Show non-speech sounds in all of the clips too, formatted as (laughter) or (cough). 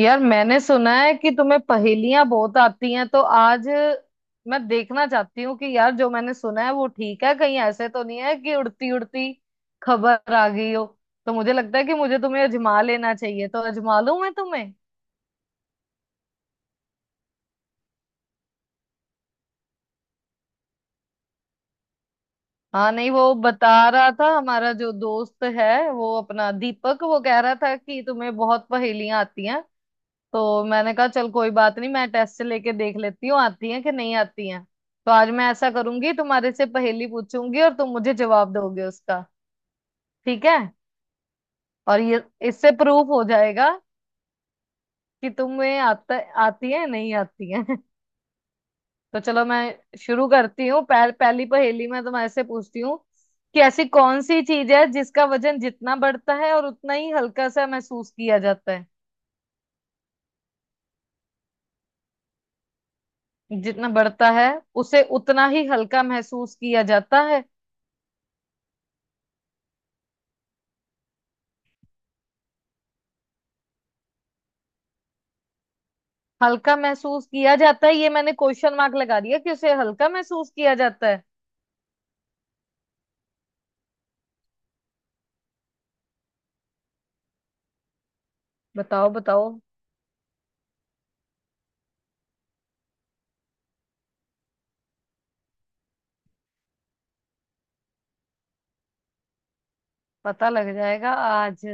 यार मैंने सुना है कि तुम्हें पहेलियां बहुत आती हैं तो आज मैं देखना चाहती हूँ कि यार जो मैंने सुना है वो ठीक है। कहीं ऐसे तो नहीं है कि उड़ती उड़ती खबर आ गई हो। तो मुझे लगता है कि मुझे तुम्हें अजमा लेना चाहिए, तो अजमा लूं मैं तुम्हें। हाँ नहीं, वो बता रहा था हमारा जो दोस्त है, वो अपना दीपक, वो कह रहा था कि तुम्हें बहुत पहेलियां आती हैं। तो मैंने कहा चल कोई बात नहीं, मैं टेस्ट लेके देख लेती हूँ आती हैं कि नहीं आती हैं। तो आज मैं ऐसा करूंगी, तुम्हारे से पहेली पूछूंगी और तुम मुझे जवाब दोगे उसका। ठीक है। और ये, इससे प्रूफ हो जाएगा कि तुम्हें आता, आती है नहीं आती है। (laughs) तो चलो मैं शुरू करती हूँ। पहली पहेली मैं तुम्हारे से पूछती हूँ कि ऐसी कौन सी चीज है जिसका वजन जितना बढ़ता है और उतना ही हल्का सा महसूस किया जाता है। जितना बढ़ता है उसे उतना ही हल्का महसूस किया जाता है। हल्का महसूस किया जाता है, ये मैंने क्वेश्चन मार्क लगा दिया कि उसे हल्का महसूस किया जाता है। बताओ बताओ। पता लग जाएगा आज।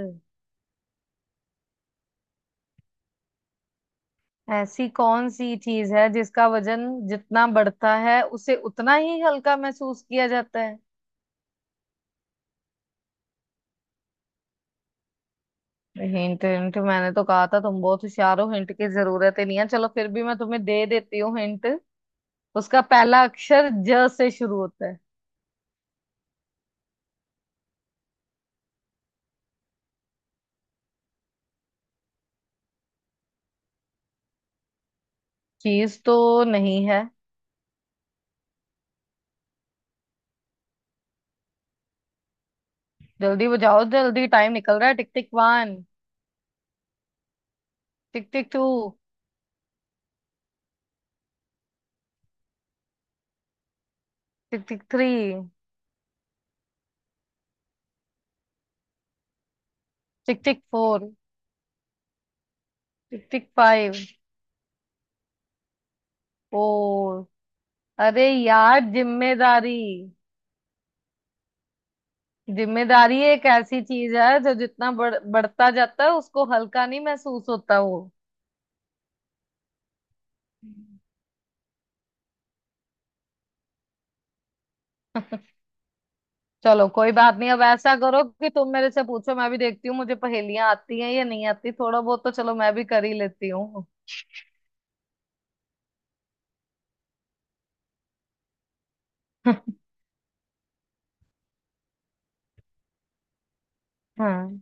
ऐसी कौन सी चीज है जिसका वजन जितना बढ़ता है उसे उतना ही हल्का महसूस किया जाता है। हिंट हिंट, मैंने तो कहा था तुम बहुत होशियार हो, हिंट की जरूरत ही नहीं है। चलो फिर भी मैं तुम्हें दे देती हूँ हिंट। उसका पहला अक्षर ज से शुरू होता है। चीज तो नहीं है। जल्दी बजाओ जल्दी, टाइम निकल रहा है। Tick tick one. Tick tick two. Tick tick three. Tick tick four. Tick tick five. Four. अरे यार, जिम्मेदारी। जिम्मेदारी एक ऐसी चीज है जो जितना बढ़ता जाता है उसको हल्का नहीं महसूस होता वो। (laughs) चलो कोई बात नहीं, अब ऐसा करो कि तुम मेरे से पूछो। मैं भी देखती हूँ मुझे पहेलियां आती हैं या नहीं आती, थोड़ा बहुत तो चलो मैं भी कर ही लेती हूँ। (laughs) हाँ।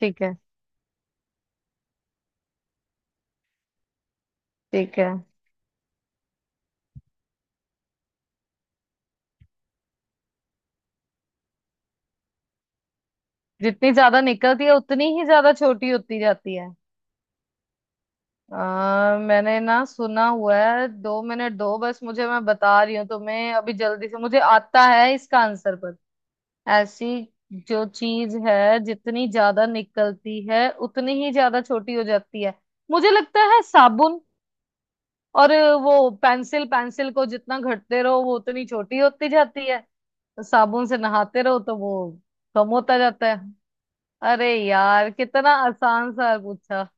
ठीक है। ठीक है। जितनी ज्यादा निकलती है उतनी ही ज्यादा छोटी होती जाती है। मैंने ना सुना हुआ है, दो मिनट दो बस मुझे, मैं बता रही हूँ तुम्हें अभी जल्दी से, मुझे आता है इसका आंसर पर। ऐसी जो चीज है जितनी ज्यादा निकलती है उतनी ही ज्यादा छोटी हो जाती है। मुझे लगता है साबुन। और वो पेंसिल पेंसिल को जितना घटते रहो वो उतनी छोटी होती जाती है। साबुन से नहाते रहो तो वो कम होता जाता है। अरे यार, कितना आसान सा पूछा।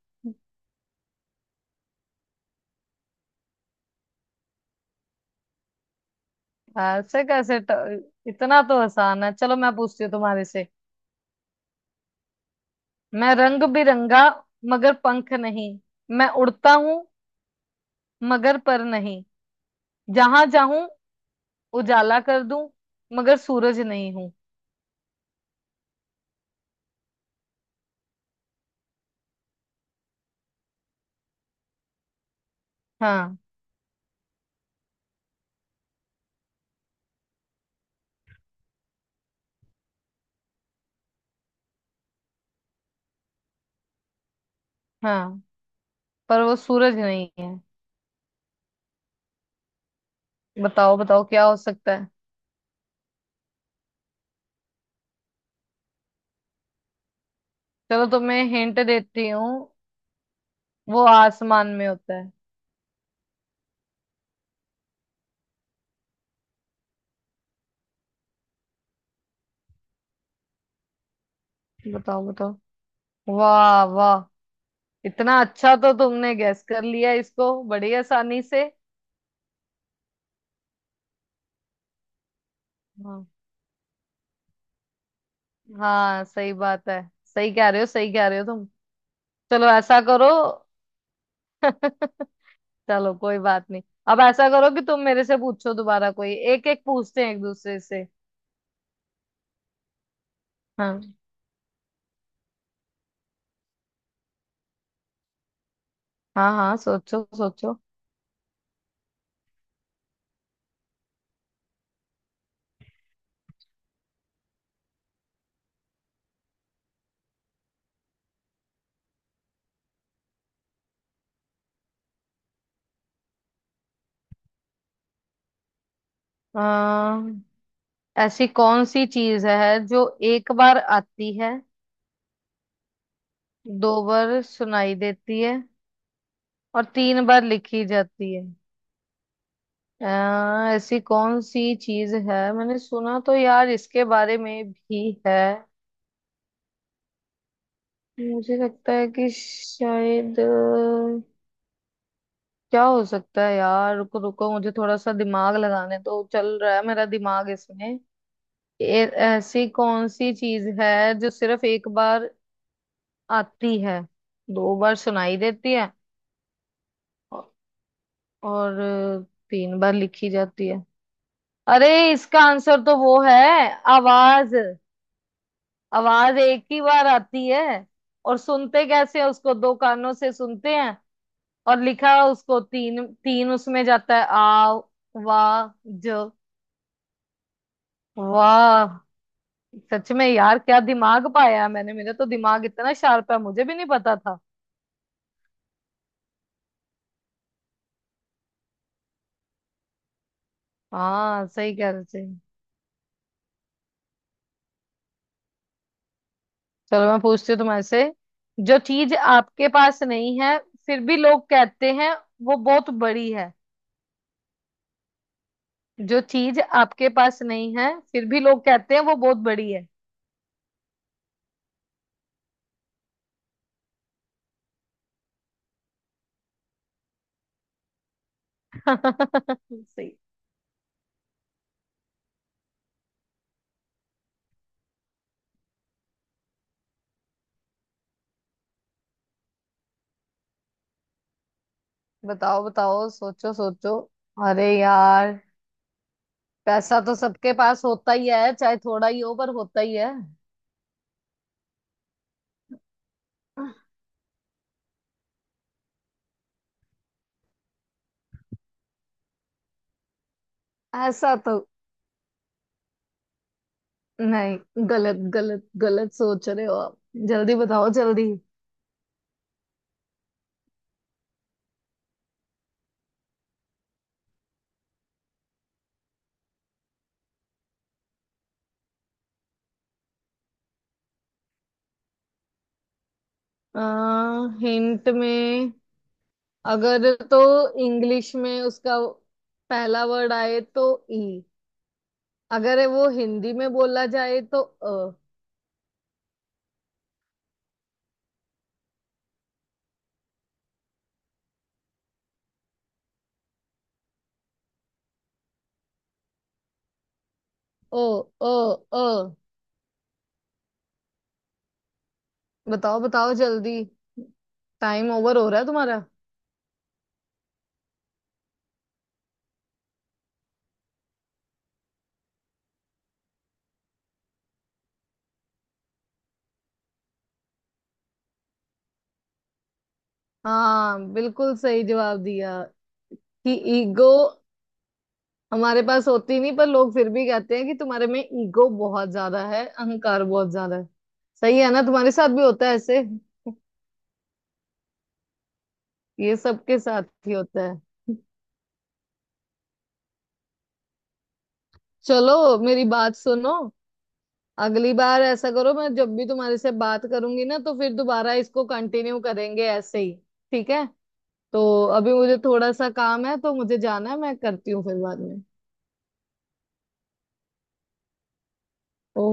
ऐसे कैसे इतना तो आसान है। चलो मैं पूछती हूँ तुम्हारे से। मैं रंग बिरंगा, मगर पंख नहीं। मैं उड़ता हूँ, मगर पर नहीं। जहां जाऊं उजाला कर दूं, मगर सूरज नहीं हूं। हाँ। हाँ। पर वो सूरज नहीं है। बताओ बताओ, क्या हो सकता है। चलो तुम्हें हिंट देती हूँ। वो आसमान में होता है। बताओ बताओ। वाह वाह। इतना अच्छा तो तुमने गैस कर लिया इसको बड़ी आसानी से। हाँ, हाँ, सही बात है। सही कह रहे हो, सही कह रहे हो तुम। चलो ऐसा करो। (laughs) चलो कोई बात नहीं। अब ऐसा करो कि तुम मेरे से पूछो दोबारा, कोई एक एक पूछते हैं एक दूसरे से। हाँ हाँ। हाँ, सोचो सोचो। अम्म, ऐसी कौन सी चीज है जो एक बार आती है, दो बार सुनाई देती है और तीन बार लिखी जाती है। ऐसी कौन सी चीज है, मैंने सुना तो यार इसके बारे में भी है। मुझे लगता है कि शायद क्या हो सकता है यार, रुको रुको, मुझे थोड़ा सा दिमाग लगाने, तो चल रहा है मेरा दिमाग इसमें। ऐसी कौन सी चीज है जो सिर्फ एक बार आती है, दो बार सुनाई देती है औ- और तीन बार लिखी जाती है। अरे, इसका आंसर तो वो है, आवाज। आवाज एक ही बार आती है। और सुनते कैसे हैं, उसको दो कानों से सुनते हैं। और लिखा उसको तीन तीन उसमें जाता है आ वाह। ज, वाह। सच में यार, क्या दिमाग पाया है मैंने, मेरा तो दिमाग इतना शार्प है, मुझे भी नहीं पता था। हाँ, सही कह रहे थे। चलो मैं पूछती हूँ तुम्हारे से। जो चीज आपके पास नहीं है, फिर भी लोग कहते हैं वो बहुत बड़ी है। जो चीज आपके पास नहीं है, फिर भी लोग कहते हैं वो बहुत बड़ी है। (laughs) सही। बताओ बताओ, सोचो सोचो। अरे यार, पैसा तो सबके पास होता ही है, चाहे थोड़ा ही हो पर होता ही है। ऐसा तो नहीं। गलत गलत गलत सोच रहे हो आप। जल्दी बताओ जल्दी। आ, हिंट में, अगर तो इंग्लिश में उसका पहला वर्ड आए तो ई। अगर वो हिंदी में बोला जाए तो अ। ओ। ओ। ओ। बताओ बताओ जल्दी। टाइम ओवर हो रहा है तुम्हारा। हाँ, बिल्कुल सही जवाब दिया। कि ईगो हमारे पास होती नहीं, पर लोग फिर भी कहते हैं कि तुम्हारे में ईगो बहुत ज्यादा है, अहंकार बहुत ज्यादा है। सही है ना, तुम्हारे साथ भी होता है ऐसे। (laughs) ये सबके साथ ही होता है। चलो मेरी बात सुनो। अगली बार ऐसा करो, मैं जब भी तुम्हारे से बात करूंगी ना तो फिर दोबारा इसको कंटिन्यू करेंगे ऐसे ही, ठीक है। तो अभी मुझे थोड़ा सा काम है, तो मुझे जाना है, मैं करती हूँ फिर बाद में। ओके।